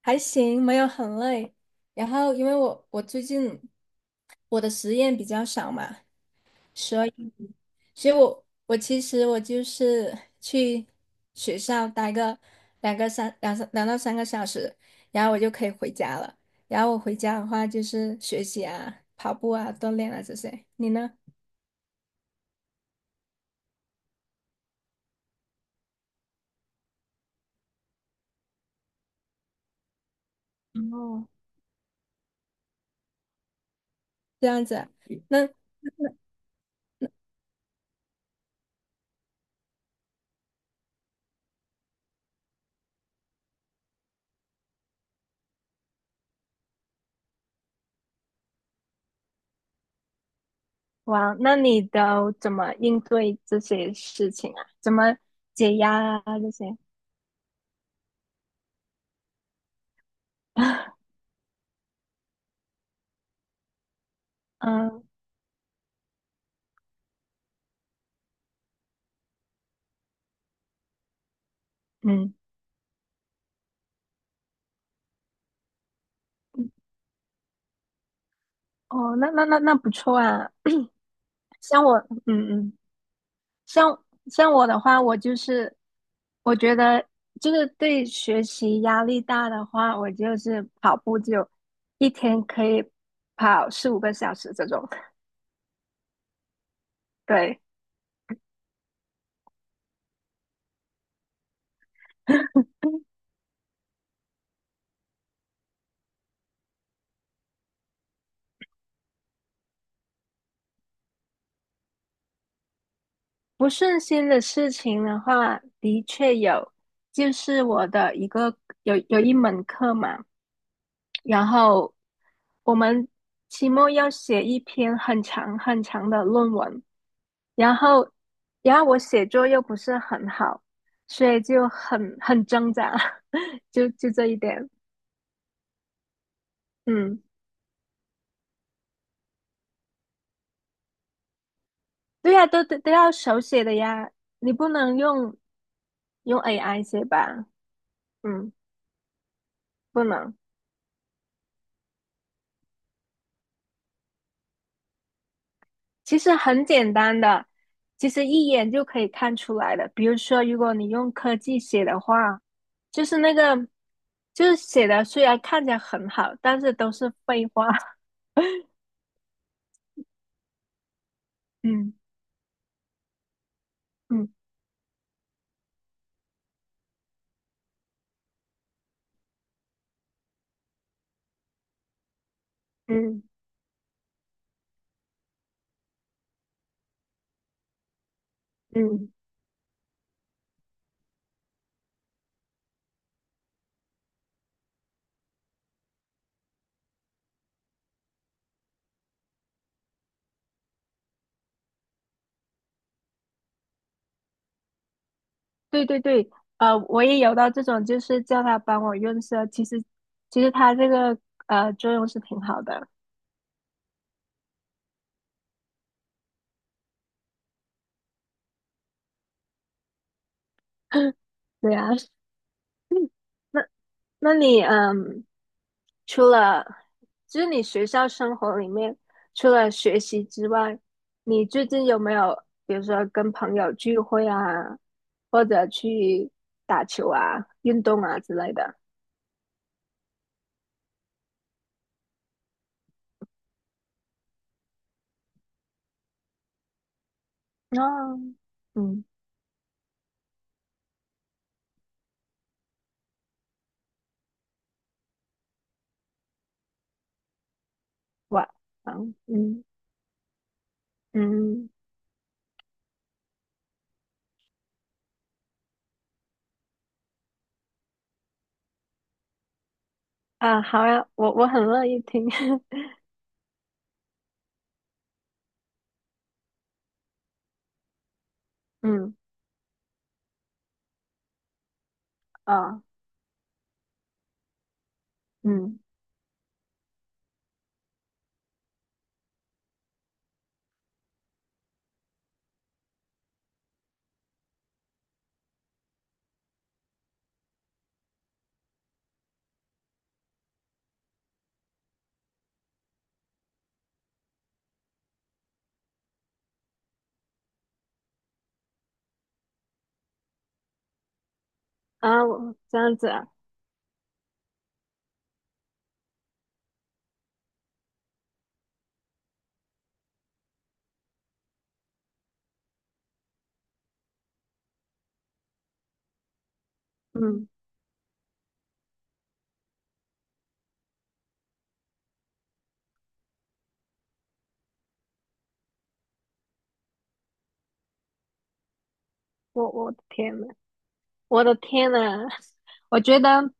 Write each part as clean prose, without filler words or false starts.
还行，没有很累。然后因为我最近我的实验比较少嘛，所以所以我其实就是去学校待个两个三两三2到3个小时，然后我就可以回家了。然后我回家的话就是学习啊、跑步啊、锻炼啊这些。你呢？哦，这样子啊。那哇，那你都怎么应对这些事情啊？怎么解压啊？这些？嗯嗯，哦，那不错啊。像我，嗯嗯，像我的话，我觉得就是对学习压力大的话，我就是跑步就一天可以跑4、5个小时这种。对，不顺心的事情的话，的确有，就是我的一个有一门课嘛。然后我们期末要写一篇很长很长的论文，然后然后我写作又不是很好，所以就很挣扎，就这一点。嗯，对呀，都要手写的呀，你不能用 AI 写吧？嗯，不能。其实很简单的，其实一眼就可以看出来的。比如说，如果你用科技写的话，就是那个，就是写的虽然看起来很好，但是都是废话。嗯嗯嗯嗯，对对对，我也有到这种，就是叫他帮我润色。其实他这个作用是挺好的。对啊，那那你嗯。除了就是你学校生活里面，除了学习之外，你最近有没有比如说跟朋友聚会啊，或者去打球啊、运动啊之类的？啊，嗯，哇，安。嗯嗯啊，好呀，我很乐意听。嗯啊嗯啊，我这样子啊，嗯，我的天呐，我的天呐，我觉得。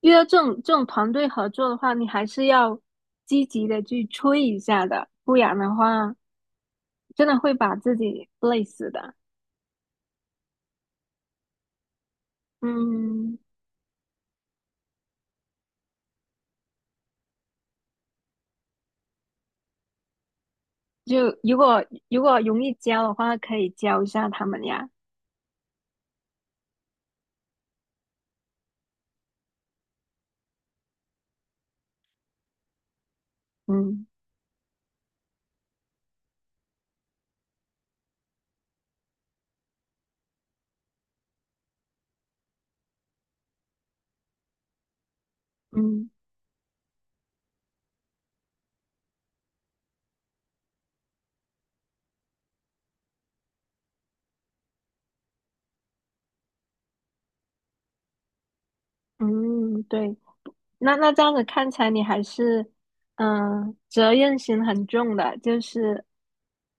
遇到这种团队合作的话，你还是要积极的去催一下的，不然的话，真的会把自己累死的。嗯，就如果容易教的话，可以教一下他们呀。嗯嗯嗯，对。那这样子看起来，你还是责任心很重的，就是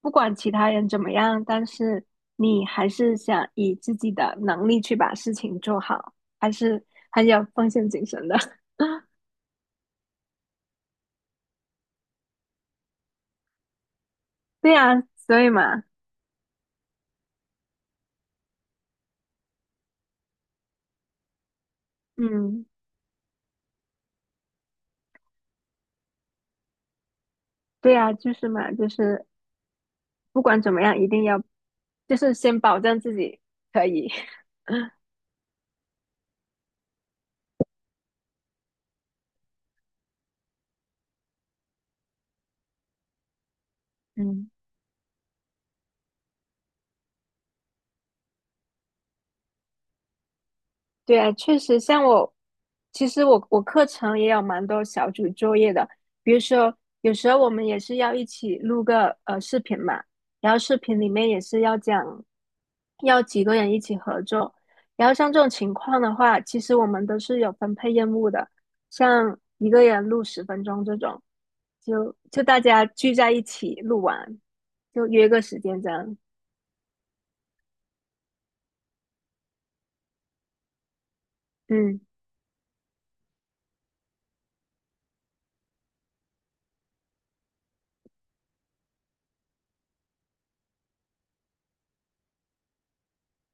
不管其他人怎么样，但是你还是想以自己的能力去把事情做好，还是很有奉献精神的。对呀，所以嘛，嗯，对呀，就是嘛，就是不管怎么样，一定要就是先保证自己可以，嗯。对啊，确实，像我，其实我课程也有蛮多小组作业的，比如说有时候我们也是要一起录个视频嘛，然后视频里面也是要讲要几个人一起合作，然后像这种情况的话，其实我们都是有分配任务的，像一个人录10分钟这种，就大家聚在一起录完，就约个时间这样，嗯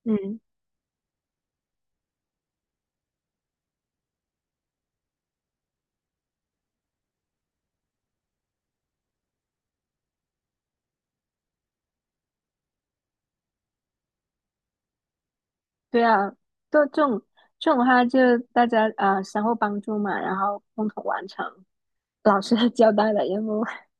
嗯。对啊，就这种的话，就大家啊、相互帮助嘛，然后共同完成老师的交代的任务。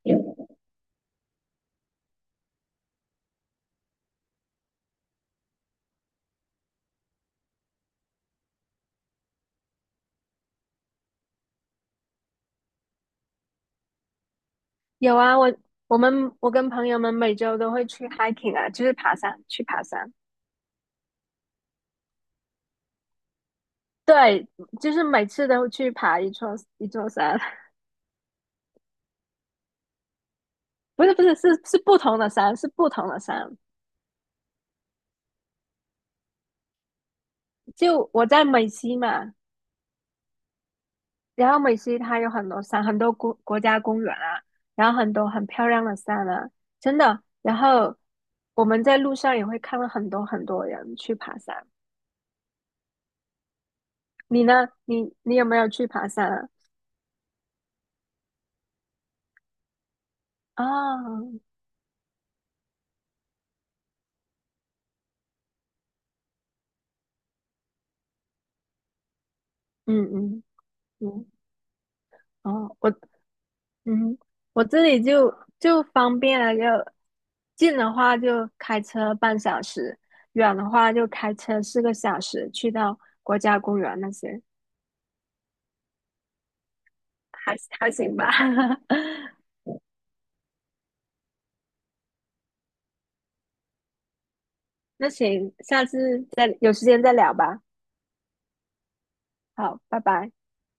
有啊，我跟朋友们每周都会去 hiking 啊，就是爬山，去爬山。对，就是每次都去爬一座一座山，不是不是是不同的山，是不同的山。就我在美西嘛，然后美西它有很多山，很多国家公园啊，然后很多很漂亮的山啊，真的。然后我们在路上也会看到很多很多人去爬山。你呢？你有没有去爬山啊？啊，嗯嗯嗯，哦，我嗯，我这里就方便了，就近的话就开车半小时，远的话就开车4个小时去到国家公园那些，还行吧。那行，下次再有时间再聊吧。好，拜拜。